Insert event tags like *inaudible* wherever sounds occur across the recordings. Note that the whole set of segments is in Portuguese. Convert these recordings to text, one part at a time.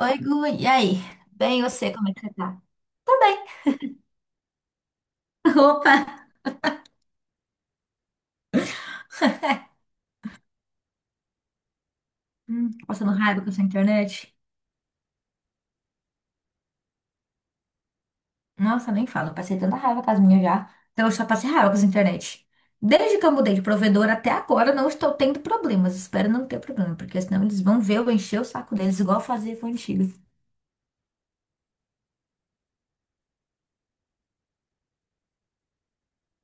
Oi, Gui. E aí? Bem, e você, como é que você tá? Tá bem. *laughs* Opa! Passando raiva com essa internet? Nossa, nem falo. Eu passei tanta raiva com as minhas já. Então eu só passei raiva com essa internet. Desde que eu mudei de provedor até agora, não estou tendo problemas. Espero não ter problema, porque senão eles vão ver eu encher o saco deles, igual fazer com o antigo.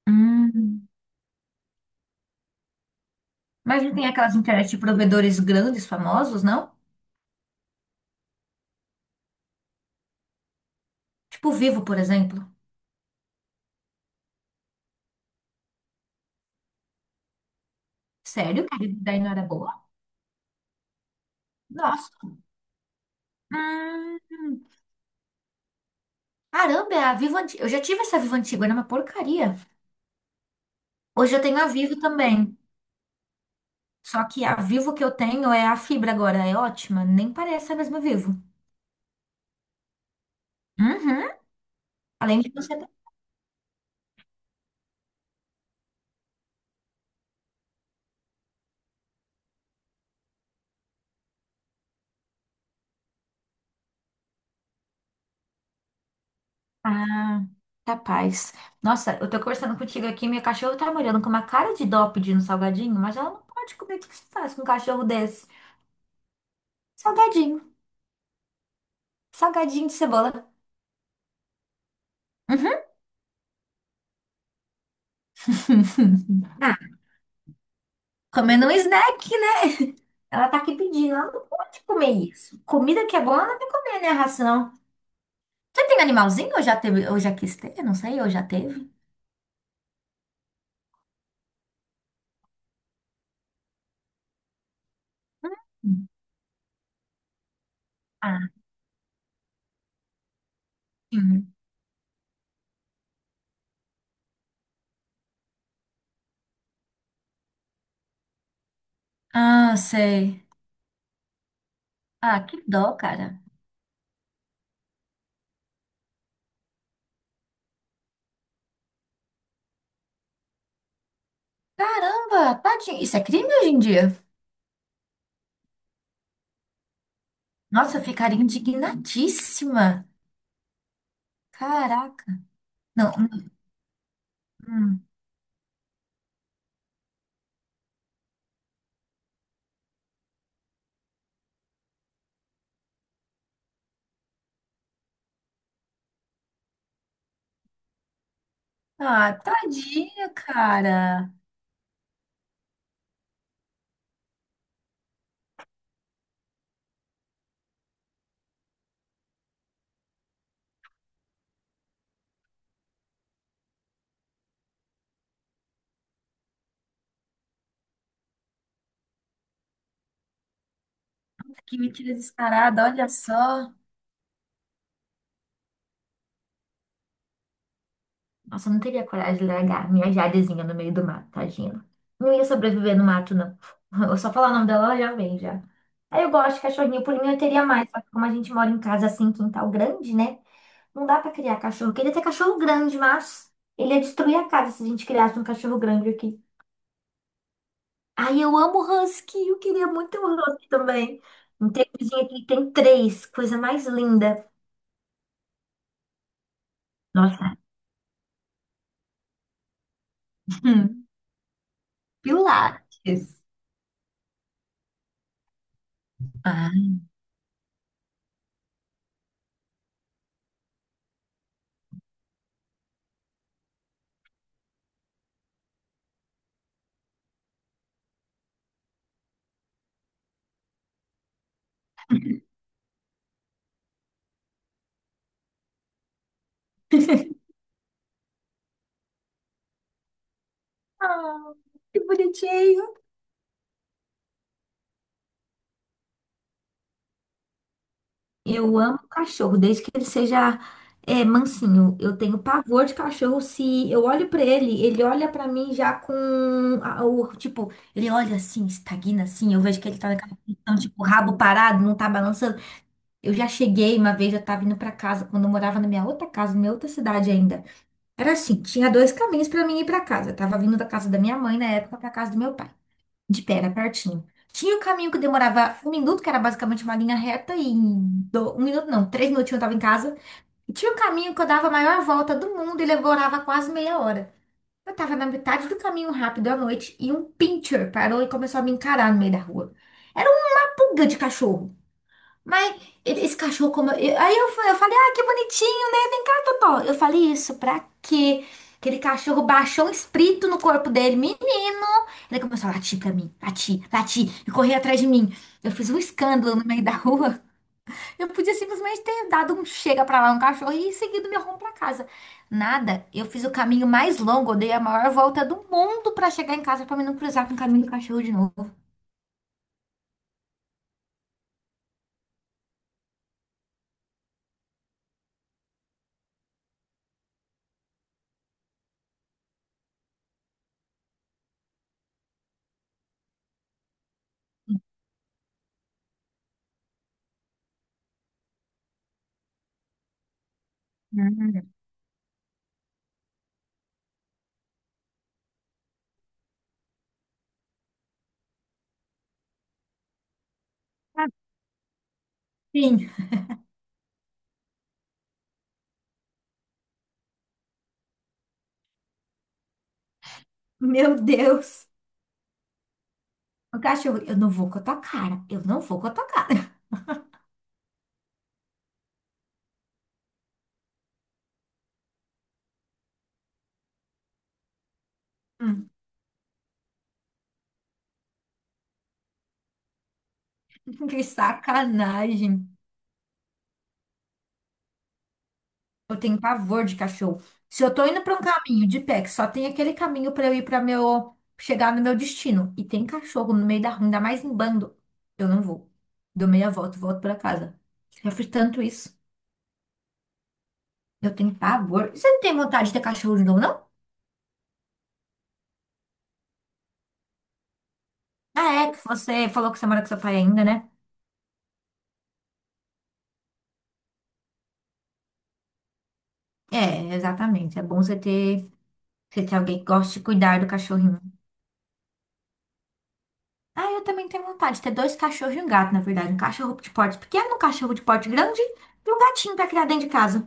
Hum. Mas não tem aquelas internet de provedores grandes, famosos, não? Tipo Vivo, por exemplo. Sério? Que a rede daí não era boa? Nossa. Hum. Caramba, é a Vivo antiga. Eu já tive essa Vivo antiga, era uma porcaria. Hoje eu tenho a Vivo também. Só que a Vivo que eu tenho é a fibra agora, é ótima. Nem parece a mesma Vivo. Uhum. Além de você. Ah, capaz. Nossa, eu tô conversando contigo aqui, minha cachorra tá me olhando com uma cara de dó pedindo salgadinho, mas ela não pode comer. O que que você faz com um cachorro desse? Salgadinho. Salgadinho de cebola. Uhum. *laughs* Ah, comendo um snack, né? Ela tá aqui pedindo, ela não pode comer isso. Comida que é boa, ela tem que comer, né? Ração. Você tem animalzinho ou já teve, ou já quis ter? Não sei, ou já teve? Hum. Ah, sim. Ah, sei. Ah, que dó, cara. Caramba, tadinho. Isso é crime hoje em dia? Nossa, eu ficaria indignadíssima. Caraca. Não. Hum. Hum. Ah, tadinho, cara. Que mentira descarada, olha só. Nossa, eu não teria coragem de largar minha Jadezinha no meio do mato, tadinha. Não ia sobreviver no mato, não. *laughs* Eu só falar o nome dela, ela já vem, já. Aí eu gosto de cachorrinho, por mim, eu teria mais. Só que como a gente mora em casa assim, quintal grande, né? Não dá pra criar cachorro. Eu queria ter cachorro grande, mas ele ia destruir a casa se a gente criasse um cachorro grande aqui. Ai, eu amo husky. Eu queria muito ter um husky também. Um vizinho aqui que tem três. Coisa mais linda. Nossa. *laughs* Pilates. Ah, Ah, que bonitinho. Eu amo cachorro, desde que ele seja mansinho. Eu tenho pavor de cachorro. Se eu olho pra ele, ele olha pra mim já com o tipo, ele olha assim, estagna assim. Eu vejo que ele tá naquela posição, tipo, rabo parado, não tá balançando. Eu já cheguei uma vez, eu tava indo pra casa, quando eu morava na minha outra casa, na minha outra cidade ainda. Era assim, tinha dois caminhos pra mim ir pra casa. Eu tava vindo da casa da minha mãe na época pra casa do meu pai. De pé, era pertinho. Tinha o caminho que demorava um minuto, que era basicamente uma linha reta, e um minuto não, três minutinhos eu tava em casa. E tinha o caminho que eu dava a maior volta do mundo e demorava quase meia hora. Eu tava na metade do caminho rápido à noite e um pincher parou e começou a me encarar no meio da rua. Era uma pulga de cachorro. Mas esse cachorro como. Aí eu, eu falei, ah, que bonitinho, né? Vem cá, Totó. Eu falei isso, pra quê? Aquele cachorro baixou um espírito no corpo dele, menino. Ele começou a latir pra mim, latir, latir, e correr atrás de mim. Eu fiz um escândalo no meio da rua. Eu podia simplesmente ter dado um chega pra lá no cachorro e seguido meu rumo pra casa. Nada, eu fiz o caminho mais longo, eu dei a maior volta do mundo pra chegar em casa pra mim não cruzar com o caminho do cachorro de novo. Hum. Sim, meu Deus. O cachorro, eu não vou com a tua cara. Eu não vou com a tua cara. *laughs* Hum, que sacanagem. Eu tenho pavor de cachorro. Se eu tô indo pra um caminho de pé, que só tem aquele caminho pra eu ir para meu chegar no meu destino e tem cachorro no meio da rua, ainda mais em bando, eu não vou. Dou meia volta, volto pra casa. Eu fiz tanto isso. Eu tenho pavor. Você não tem vontade de ter cachorro de novo, não? Ah, é que você falou que você mora com seu pai ainda, né? É, exatamente. É bom você ter alguém que goste de cuidar do cachorrinho. Ah, eu também tenho vontade de ter dois cachorros e um gato, na verdade. Um cachorro de porte pequeno, um cachorro de porte grande e um gatinho pra criar dentro de casa.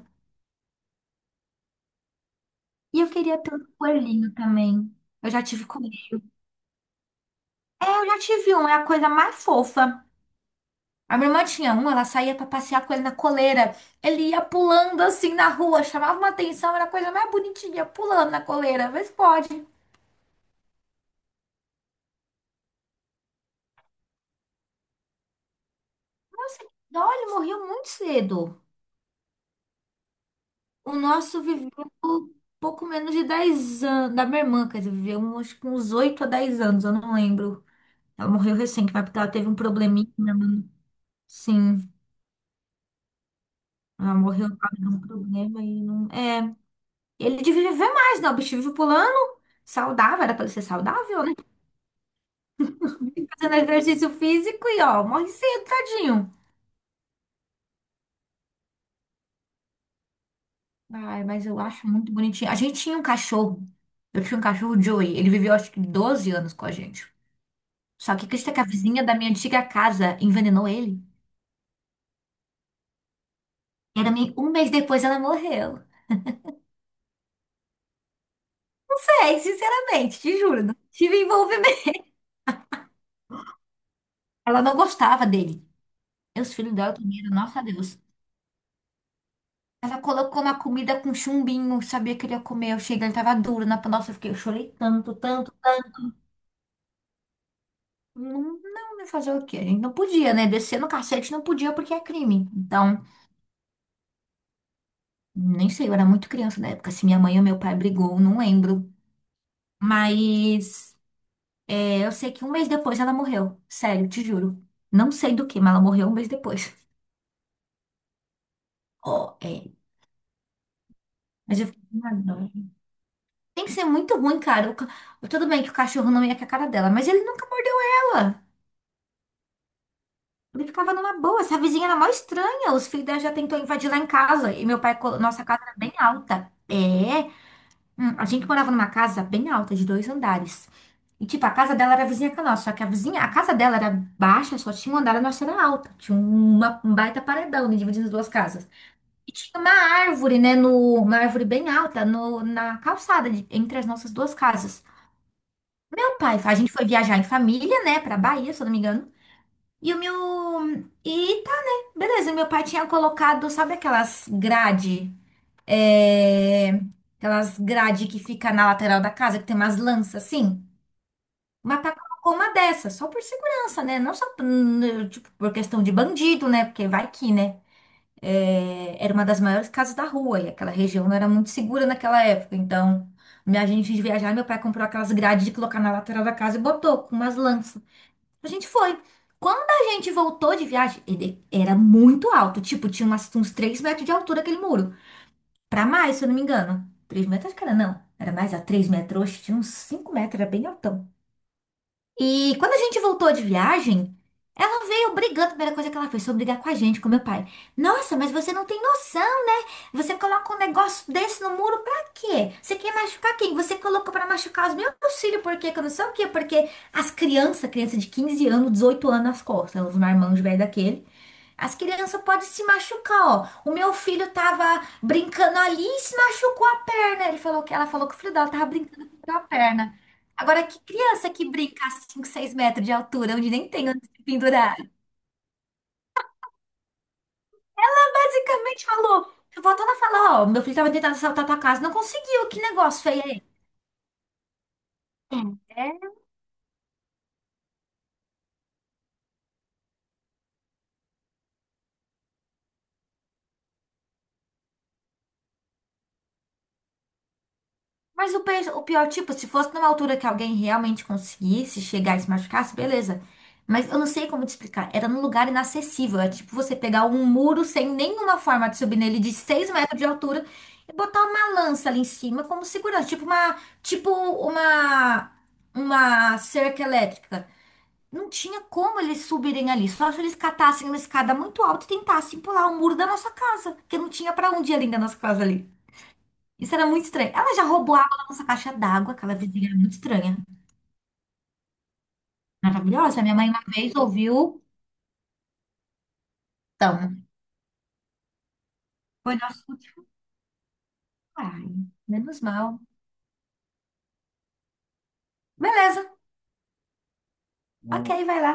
E eu queria ter um coelhinho também. Eu já tive coelho. É, eu já tive um, é a coisa mais fofa. A minha irmã tinha um, ela saía pra passear com ele na coleira. Ele ia pulando assim na rua, chamava uma atenção, era a coisa mais bonitinha, pulando na coleira. Mas pode. Nossa, que dó, ele morreu muito cedo. O nosso viveu pouco menos de 10 anos. Da minha irmã, quer dizer, viveu um, acho que uns 8 a 10 anos, eu não lembro. Ela morreu recente, mas porque ela teve um probleminha, minha irmã. Sim, ela morreu por causa de um problema e não. É. Ele devia viver mais, não. O bicho vive pulando, saudável, era pra ele ser saudável, né? Fazendo exercício físico e, ó, morre cedo, tadinho. Ai, mas eu acho muito bonitinho. A gente tinha um cachorro. Eu tinha um cachorro, o Joey. Ele viveu acho que 12 anos com a gente. Só que acredita que a vizinha da minha antiga casa envenenou ele? Era um mês depois ela morreu. Sei, sinceramente, te juro, não tive envolvimento. Ela não gostava dele. E os filhos dela também eram, nossa Deus. Ela colocou uma comida com chumbinho, sabia que ele ia comer. Eu cheguei, ele tava duro na nossa, eu fiquei, eu chorei tanto, tanto, tanto. Não, não, né, fazer o quê? A gente não podia, né? Descer no cacete não podia porque é crime. Então, nem sei, eu era muito criança na época. Se minha mãe ou meu pai brigou, não lembro. Mas. É, eu sei que um mês depois ela morreu. Sério, te juro. Não sei do que, mas ela morreu um mês depois. *laughs* Ó, é. Mas eu fiquei com uma dó. Tem que ser muito ruim, cara. Tudo bem que o cachorro não ia com a cara dela, mas ele nunca mordeu ela. Ele ficava numa boa. Essa vizinha era mó estranha. Os filhos dela já tentou invadir lá em casa. E meu pai, nossa casa era bem alta. É. A gente morava numa casa bem alta, de dois andares. E, tipo, a casa dela era vizinha com a nossa. Só que a vizinha, a casa dela era baixa, só tinha um andar, a nossa era alta. Tinha uma, um baita paredão, né, dividindo as duas casas. E tinha uma árvore, né, no, uma árvore bem alta, no, na calçada, entre as nossas duas casas. Meu pai, a gente foi viajar em família, né, pra Bahia, se eu não me engano. E o meu... E tá, né, beleza. Meu pai tinha colocado, sabe aquelas grade? É, aquelas grade que fica na lateral da casa, que tem umas lanças assim. O Mapa colocou uma dessa, só por segurança, né? Não só tipo, por questão de bandido, né? Porque vai que, né? É, era uma das maiores casas da rua e aquela região não era muito segura naquela época. Então, a gente de viajar, meu pai comprou aquelas grades de colocar na lateral da casa e botou com umas lanças. A gente foi. Quando a gente voltou de viagem, ele era muito alto, tipo, tinha uns 3 metros de altura aquele muro. Pra mais, se eu não me engano. 3 metros, cara, não. Era mais a 3 metros. Oxe, tinha uns 5 metros, era bem altão. E quando a gente voltou de viagem, ela veio brigando. A primeira coisa que ela fez foi brigar com a gente, com meu pai. Nossa, mas você não tem noção, né? Você coloca um negócio desse no muro pra quê? Você quer machucar quem? Você colocou pra machucar os meus filhos, por quê? Que eu não sei o quê. Porque as crianças, criança de 15 anos, 18 anos nas costas, os marmanjos velho daquele. As crianças podem se machucar, ó. O meu filho tava brincando ali e se machucou a perna. Ele falou que ela falou que o filho dela tava brincando com a perna. Agora, que criança que brinca a 5, 6 metros de altura, onde nem tem onde se pendurar? Basicamente falou, voltando a falar, ó, meu filho tava tentando assaltar tua casa, não conseguiu, que negócio feio aí. É, mas o, o pior, tipo, se fosse numa altura que alguém realmente conseguisse chegar e se machucasse, beleza. Mas eu não sei como te explicar, era num lugar inacessível, é tipo você pegar um muro sem nenhuma forma de subir nele de 6 metros de altura e botar uma lança ali em cima como segurança, tipo uma cerca elétrica. Não tinha como eles subirem ali. Só se eles catassem uma escada muito alta e tentassem pular o muro da nossa casa, porque não tinha pra onde ir além da nossa casa ali. Isso era muito estranho. Ela já roubou água da nossa caixa d'água, aquela vizinha era muito estranha. Maravilhosa. Minha mãe uma vez ouviu. Então, foi nosso último. Ai, menos mal. Beleza. Hum. Ok, vai lá.